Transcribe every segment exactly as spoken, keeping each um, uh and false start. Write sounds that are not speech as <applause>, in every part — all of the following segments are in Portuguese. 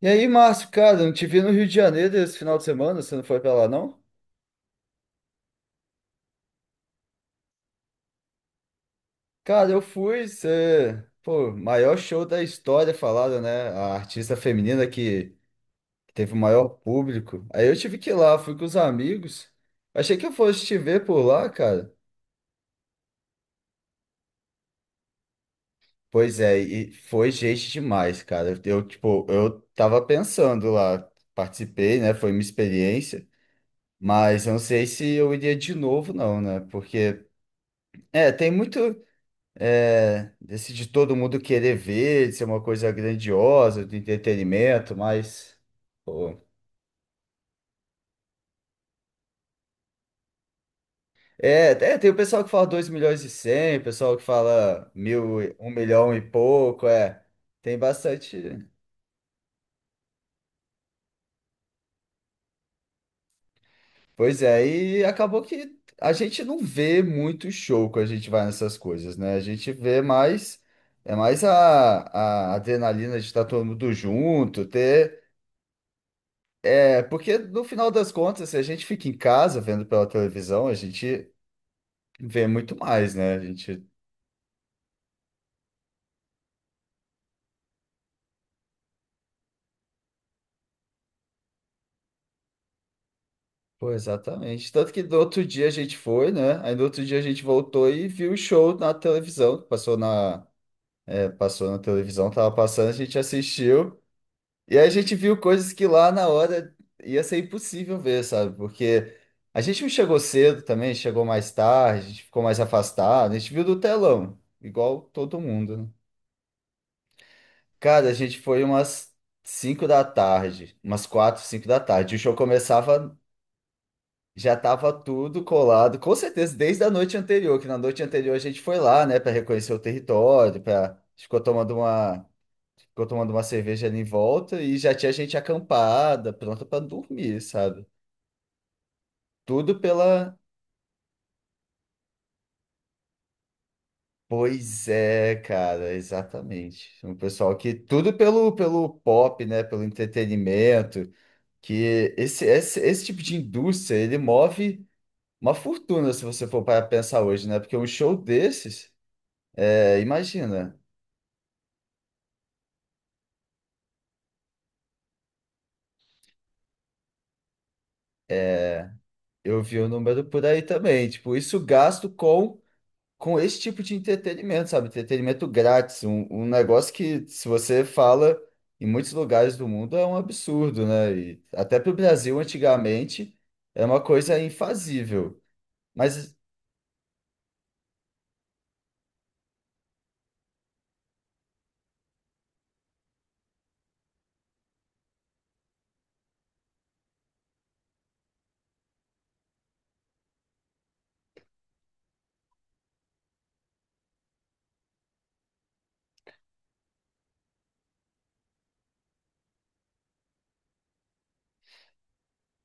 E aí, Márcio, cara, eu não te vi no Rio de Janeiro esse final de semana, você não foi pra lá, não? Cara, eu fui, você... Pô, maior show da história falada, né? A artista feminina que teve o maior público. Aí eu tive que ir lá, fui com os amigos. Achei que eu fosse te ver por lá, cara. Pois é, e foi gente demais, cara. Eu, tipo, eu tava pensando lá, participei, né? Foi minha experiência. Mas eu não sei se eu iria de novo, não, né? Porque, é, tem muito. É, desse de todo mundo querer ver, de ser uma coisa grandiosa, de entretenimento, mas pô. É, é, tem o pessoal que fala dois milhões e cem, o pessoal que fala mil, e- um milhão e pouco, é. Tem bastante. Pois é, e acabou que a gente não vê muito show quando a gente vai nessas coisas, né? A gente vê mais. É mais a, a adrenalina de estar todo mundo junto, ter. É, porque no final das contas, se a gente fica em casa vendo pela televisão, a gente vê muito mais, né? A gente. Pô, exatamente. Tanto que no outro dia a gente foi, né? Aí no outro dia a gente voltou e viu o show na televisão. Passou na, é, passou na televisão, tava passando, a gente assistiu. E aí a gente viu coisas que lá na hora ia ser impossível ver, sabe? Porque a gente não chegou cedo também, chegou mais tarde, a gente ficou mais afastado, a gente viu do telão, igual todo mundo, né? Cara, a gente foi umas cinco da tarde, umas quatro, cinco da tarde. O show começava, já tava tudo colado, com certeza desde a noite anterior, que na noite anterior a gente foi lá, né, para reconhecer o território, para ficou tomando uma, ficou tomando uma cerveja ali em volta e já tinha gente acampada, pronta para dormir, sabe? Tudo pela... Pois é, cara, exatamente. Um pessoal que tudo pelo pelo pop, né, pelo entretenimento. Que esse, esse, esse tipo de indústria, ele move uma fortuna, se você for para pensar hoje, né? Porque um show desses, é, imagina, eu vi o número por aí também, tipo, isso gasto com, com esse tipo de entretenimento, sabe? Entretenimento grátis, um, um negócio que, se você fala em muitos lugares do mundo, é um absurdo, né? E até para o Brasil, antigamente, era uma coisa infazível. Mas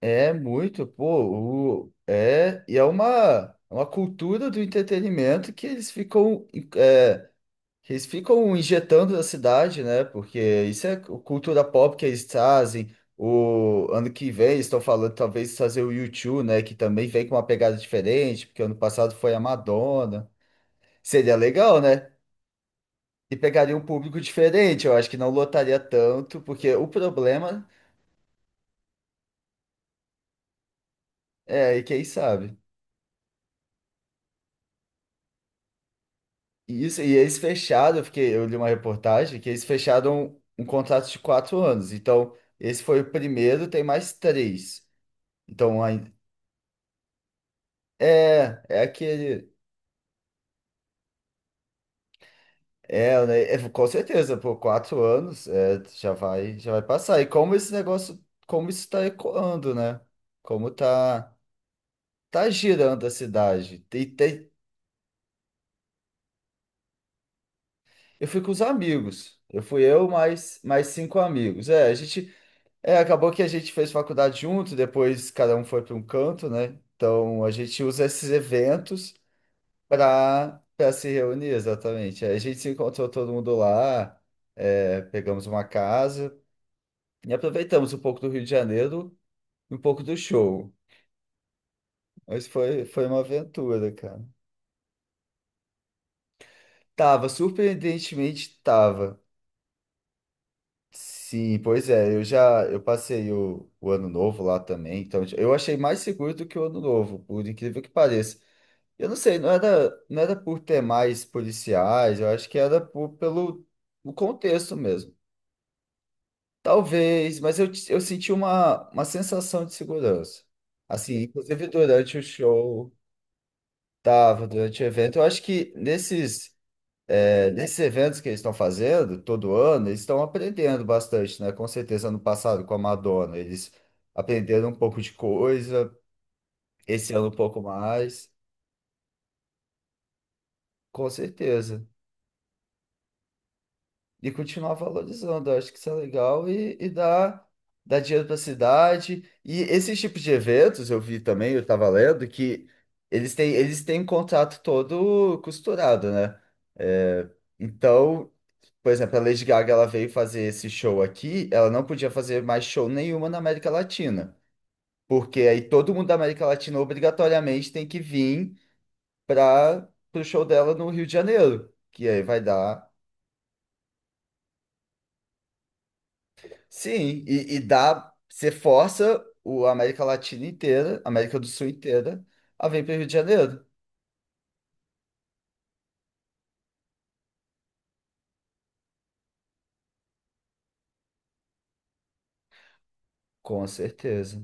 é muito, pô, o- é, e é uma, é uma cultura do entretenimento que eles ficam, é, que eles ficam injetando na cidade, né? Porque isso é cu- cultura pop que eles trazem. O ano que vem eles estão falando talvez trazer o U dois, né? Que também vem com uma pegada diferente, porque ano passado foi a Madonna. Seria legal, né? E pegaria um público diferente, eu acho que não lotaria tanto, porque o problema é, e quem sabe? Isso, e eles fecharam, eu fiquei, eu li uma reportagem que eles fecharam um, um contrato de quatro anos. Então, esse foi o primeiro, tem mais três. Então, aí- é, é aquele. É, né, é, com certeza, por quatro anos é, já vai, já vai passar. E como esse negócio, como isso está ecoando, né? Como tá, tá girando a cidade. Tem, tem, eu fui com os amigos. Eu fui eu mais, mais cinco amigos. É, a gente. É, acabou que a gente fez faculdade junto, depois cada um foi para um canto, né? Então a gente usa esses eventos para para se reunir, exatamente. Aí a gente se encontrou todo mundo lá, é, pegamos uma casa e aproveitamos um pouco do Rio de Janeiro e um pouco do show. Mas foi, foi uma aventura, cara. Tava, surpreendentemente tava. Sim, pois é, eu já eu passei o, o ano novo lá também, então eu achei mais seguro do que o ano novo, por incrível que pareça. Eu não sei, não era, não era por ter mais policiais, eu acho que era por, pelo o contexto mesmo. Talvez, mas eu, eu senti uma, uma sensação de segurança. Assim, inclusive durante o show, tava, durante o evento. Eu acho que nesses, é, nesses eventos que eles estão fazendo, todo ano, eles estão aprendendo bastante, né? Com certeza, ano passado, com a Madonna, eles aprenderam um pouco de coisa, esse ano um pouco mais, com certeza. E continuar valorizando. Eu acho que isso é legal e, e dá, dá dinheiro para a cidade. E esses tipos de eventos, eu vi também, eu estava lendo, que eles têm, eles têm um contrato todo costurado, né? É, então, por exemplo, a Lady Gaga ela veio fazer esse show aqui, ela não podia fazer mais show nenhuma na América Latina. Porque aí todo mundo da América Latina obrigatoriamente tem que vir para o show dela no Rio de Janeiro, que aí vai dar. Sim, e, e dá, você força o a América Latina inteira, a América do Sul inteira, a vir para o Rio de Janeiro. Com certeza.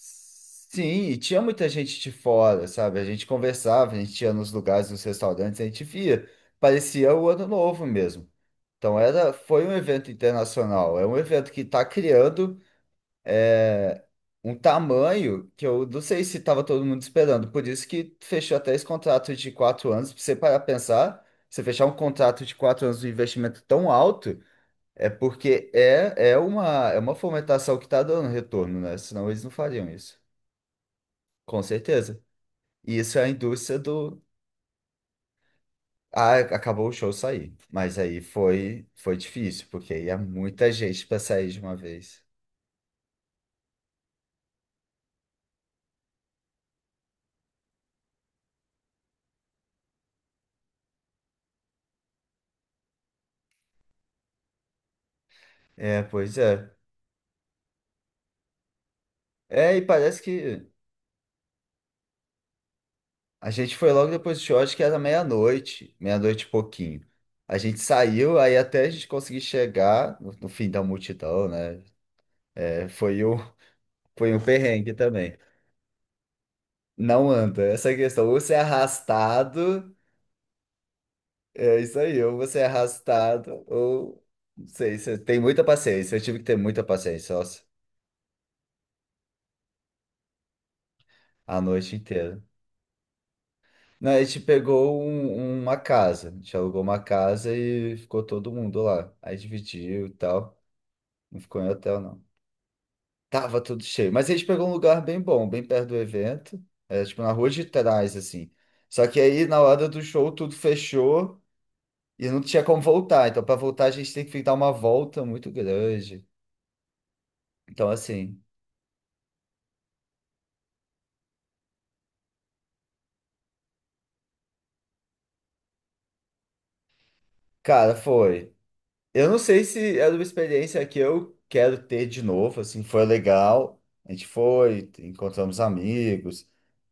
Sim, e tinha muita gente de fora, sabe? A gente conversava, a gente ia nos lugares, nos restaurantes, a gente via. Parecia o Ano Novo mesmo. Então era, foi um evento internacional, é um evento que está criando é, um tamanho que eu não sei se estava todo mundo esperando. Por isso que fechou até esse contrato de quatro anos. Pra você parar pra pensar, você fechar um contrato de quatro anos de investimento tão alto é porque é, é uma, é uma fomentação que está dando retorno, né? Senão eles não fariam isso. Com certeza. E isso é a indústria do. Ah, acabou o show sair. Mas aí foi, foi difícil, porque aí é muita gente para sair de uma vez. É, pois é. É, e parece que... A gente foi logo depois do show, acho que era meia-noite, meia-noite e pouquinho. A gente saiu, aí até a gente conseguir chegar no, no fim da multidão, né? É, foi um, <laughs> foi um perrengue também. Não anda, essa é a questão. Ou você é arrastado, é isso aí, ou você é arrastado, ou não sei, você tem muita paciência. Eu tive que ter muita paciência, nossa, a noite inteira. Não, a gente pegou um- uma casa, a gente alugou uma casa e ficou todo mundo lá. Aí dividiu e tal, não ficou em hotel, não. Tava tudo cheio. Mas a gente pegou um lugar bem bom, bem perto do evento. É, tipo, na rua de trás, assim. Só que aí, na hora do show, tudo fechou e não tinha como voltar. Então, para voltar, a gente tem que dar uma volta muito grande. Então, assim, cara, foi. Eu não sei se era uma experiência que eu quero ter de novo, assim, foi legal. A gente foi, encontramos amigos.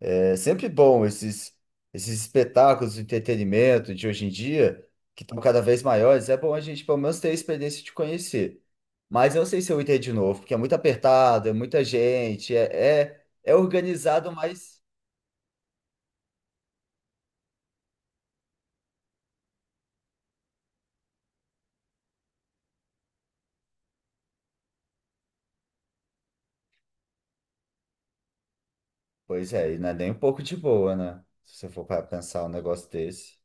É sempre bom esses, esses espetáculos de entretenimento de hoje em dia, que estão cada vez maiores. É bom a gente, pelo menos, ter a experiência de conhecer. Mas eu não sei se eu iria de novo, porque é muito apertado, é muita gente, é, é, é organizado, mas. Pois é, e não é nem um pouco de boa, né? Se você for para pensar um negócio desse.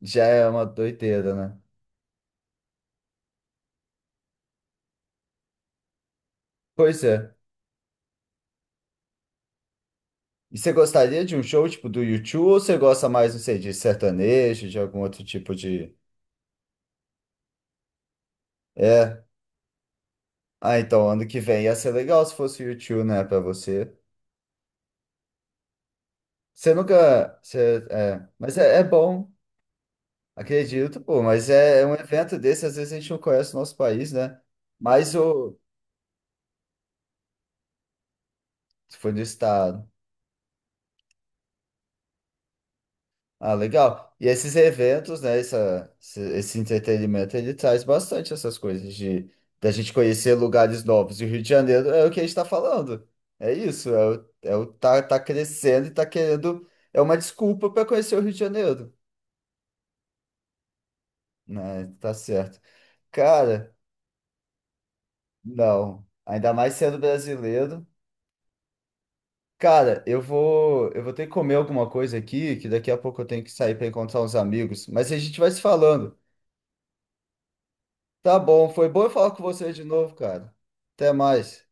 Já é uma doideira, né? Pois é. E você gostaria de um show tipo do YouTube ou você gosta mais, não sei, de sertanejo, de algum outro tipo de. É. Ah, então, ano que vem ia ser legal se fosse o U dois, né, pra você. Você nunca. Você, é, mas é, é bom, acredito, pô. Mas é, é um evento desse, às vezes a gente não conhece o nosso país, né? Mas o. Se for do estado. Ah, legal. E esses eventos, né, essa, esse, esse entretenimento, ele traz bastante essas coisas de da gente conhecer lugares novos. E o Rio de Janeiro é o que a gente tá falando. É isso, é o, é o tá, tá crescendo e tá querendo. É uma desculpa para conhecer o Rio de Janeiro. Né? Tá certo. Cara, não. Ainda mais sendo brasileiro. Cara, eu vou, eu vou ter que comer alguma coisa aqui, que daqui a pouco eu tenho que sair para encontrar uns amigos. Mas a gente vai se falando. Tá bom, foi bom eu falar com você de novo, cara. Até mais.